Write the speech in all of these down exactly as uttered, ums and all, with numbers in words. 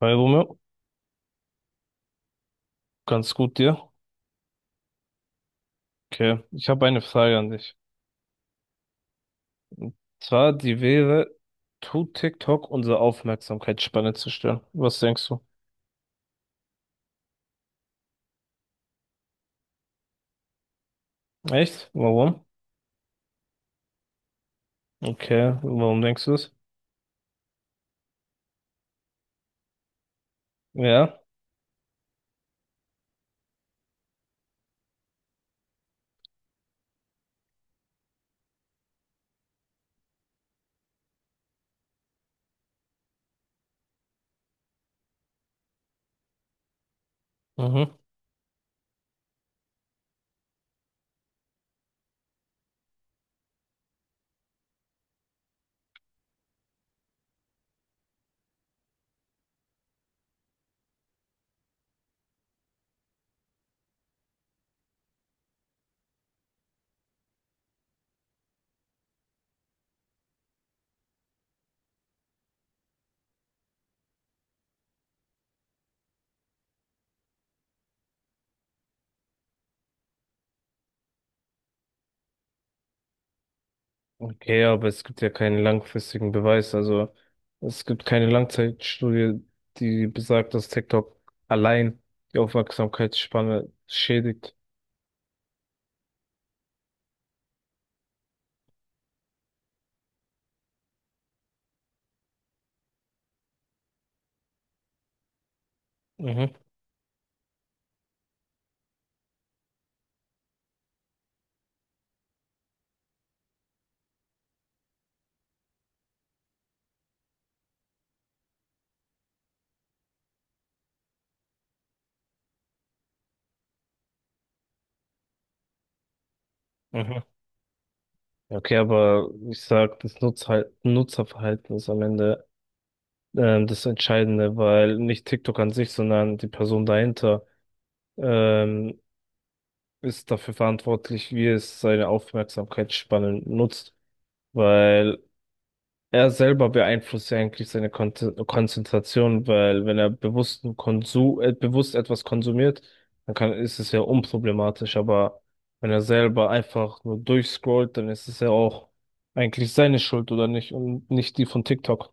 Hi Romeo, ganz gut, dir? Okay, ich habe eine Frage an dich. Zwar, die wäre, tut TikTok unsere Aufmerksamkeitsspanne zerstören? Was denkst du? Echt? Warum? Okay, warum denkst du es? Ja, mhm. Okay, aber es gibt ja keinen langfristigen Beweis. Also, es gibt keine Langzeitstudie, die besagt, dass TikTok allein die Aufmerksamkeitsspanne schädigt. Mhm, mhm. Okay, aber ich sag, das Nutzhal- Nutzerverhalten ist am Ende, ähm, das Entscheidende, weil nicht TikTok an sich, sondern die Person dahinter, ähm, ist dafür verantwortlich, wie es seine Aufmerksamkeitsspannen nutzt, weil er selber beeinflusst ja eigentlich seine Kon Konzentration, weil wenn er bewussten Konsum, äh, bewusst etwas konsumiert, dann kann, ist es ja unproblematisch, aber wenn er selber einfach nur durchscrollt, dann ist es ja auch eigentlich seine Schuld oder nicht und nicht die von TikTok.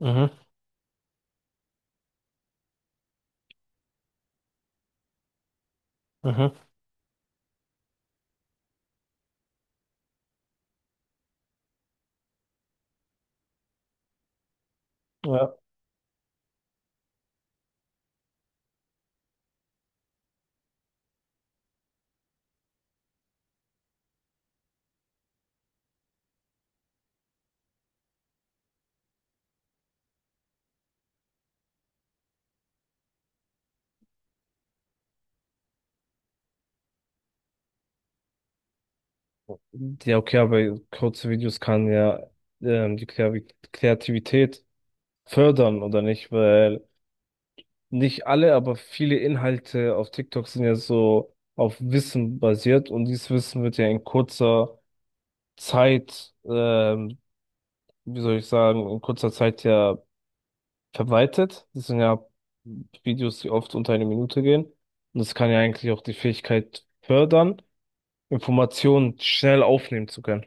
Mhm, mhm. Ja. Ja, okay, aber kurze Videos kann ja, ähm, die Kreavi- Kreativität fördern, oder nicht? Weil nicht alle, aber viele Inhalte auf TikTok sind ja so auf Wissen basiert und dieses Wissen wird ja in kurzer Zeit, ähm, wie soll ich sagen, in kurzer Zeit ja verwaltet. Das sind ja Videos, die oft unter eine Minute gehen. Und das kann ja eigentlich auch die Fähigkeit fördern, Informationen schnell aufnehmen zu können.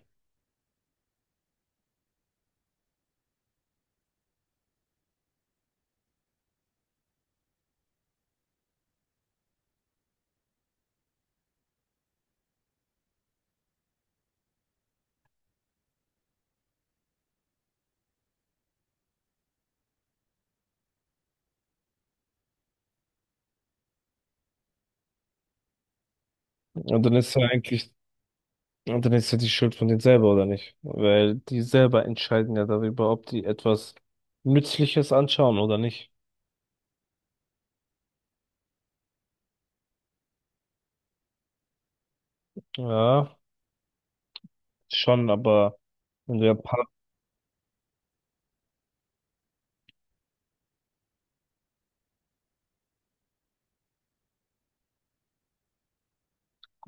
Und dann ist ja eigentlich Und dann ist ja die Schuld von denen selber, oder nicht? Weil die selber entscheiden ja darüber, ob die etwas Nützliches anschauen oder nicht. Ja, schon, aber wenn du ja Part-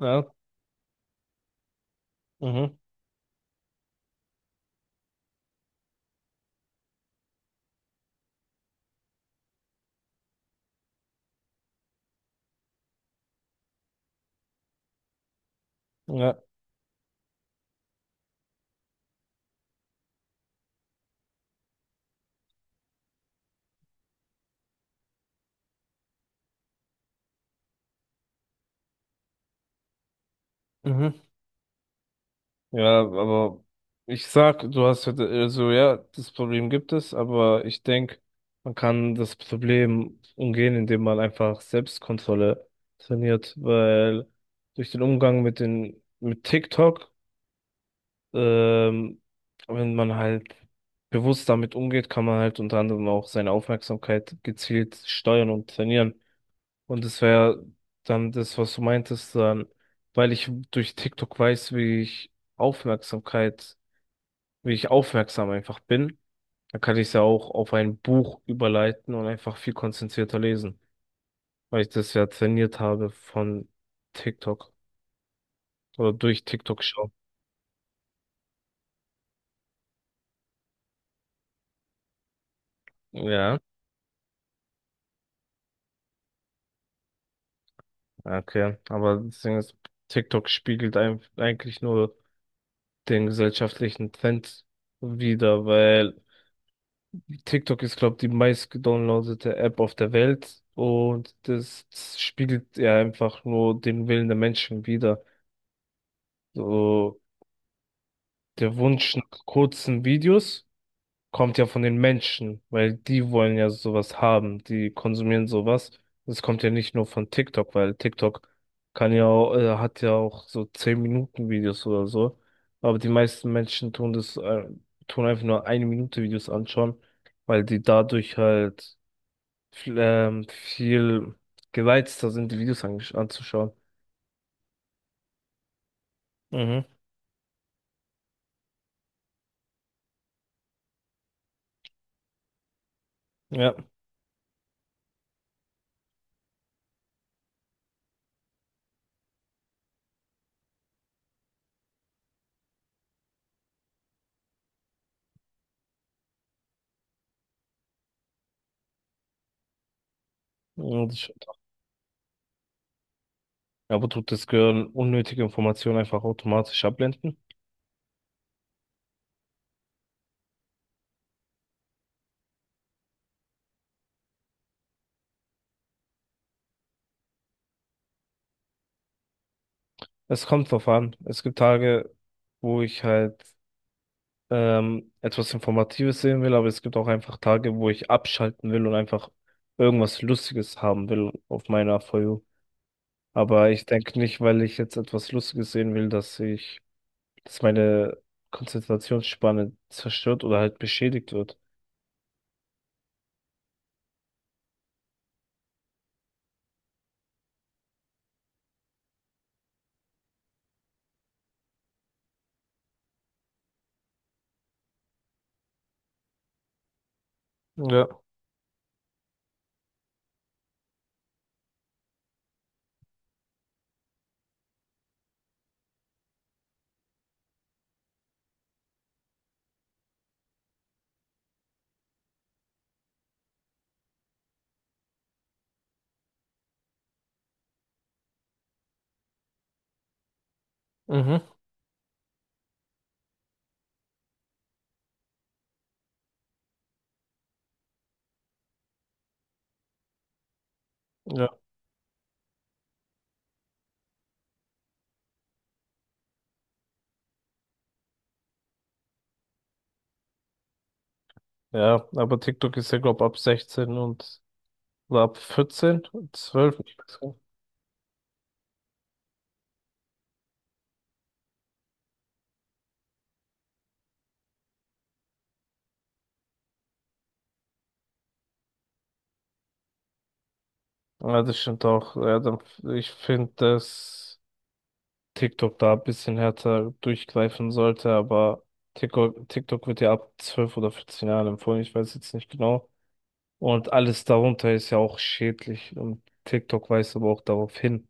ja, mhm, ja, mhm. Ja, aber ich sag, du hast ja, also ja, das Problem gibt es, aber ich denke, man kann das Problem umgehen, indem man einfach Selbstkontrolle trainiert, weil durch den Umgang mit den, mit TikTok. Ähm, wenn man halt bewusst damit umgeht, kann man halt unter anderem auch seine Aufmerksamkeit gezielt steuern und trainieren. Und das wäre dann das, was du meintest, dann, weil ich durch TikTok weiß, wie ich Aufmerksamkeit, wie ich aufmerksam einfach bin, dann kann ich es ja auch auf ein Buch überleiten und einfach viel konzentrierter lesen, weil ich das ja trainiert habe von TikTok oder durch TikTok schauen. Ja. Ah, okay, aber das Ding ist, TikTok spiegelt ein, eigentlich nur den gesellschaftlichen Trend wider, weil TikTok ist, glaube ich, die meistgedownloadete App auf der Welt und das spiegelt ja einfach nur den Willen der Menschen wider. So der Wunsch nach kurzen Videos. Kommt ja von den Menschen, weil die wollen ja sowas haben, die konsumieren sowas. Das kommt ja nicht nur von TikTok, weil TikTok kann ja auch, äh, hat ja auch so zehn Minuten Videos oder so. Aber die meisten Menschen tun das, äh, tun einfach nur eine Minute Videos anschauen, weil die dadurch halt viel, ähm, viel gereizter sind, die Videos angesch- anzuschauen. Mhm, ja. Und ich- Aber tut das Gehirn unnötige Informationen einfach automatisch abblenden? Es kommt drauf an. Es gibt Tage, wo ich halt, ähm, etwas Informatives sehen will, aber es gibt auch einfach Tage, wo ich abschalten will und einfach irgendwas Lustiges haben will auf meiner For You. Aber ich denke nicht, weil ich jetzt etwas Lustiges sehen will, dass ich, dass meine Konzentrationsspanne zerstört oder halt beschädigt wird. Ja, mhm. Ja, ja, aber TikTok ist ja, glaube ab sechzehn und oder ab vierzehn, zwölf. Ja, das stimmt auch. Ja, dann, ich finde, dass TikTok da ein bisschen härter durchgreifen sollte, aber TikTok, TikTok wird ja ab zwölf oder vierzehn Jahren empfohlen, ich weiß jetzt nicht genau. Und alles darunter ist ja auch schädlich. Und TikTok weist aber auch darauf hin,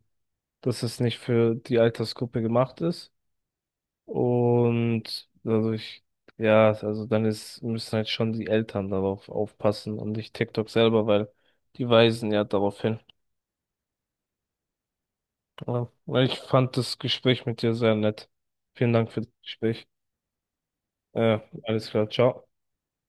dass es nicht für die Altersgruppe gemacht ist. Und dadurch, ja, also dann ist, müssen halt schon die Eltern darauf aufpassen und nicht TikTok selber, weil die weisen ja darauf hin. Ja. Ich fand das Gespräch mit dir sehr nett. Vielen Dank für das Gespräch. Äh, Alles klar, ciao.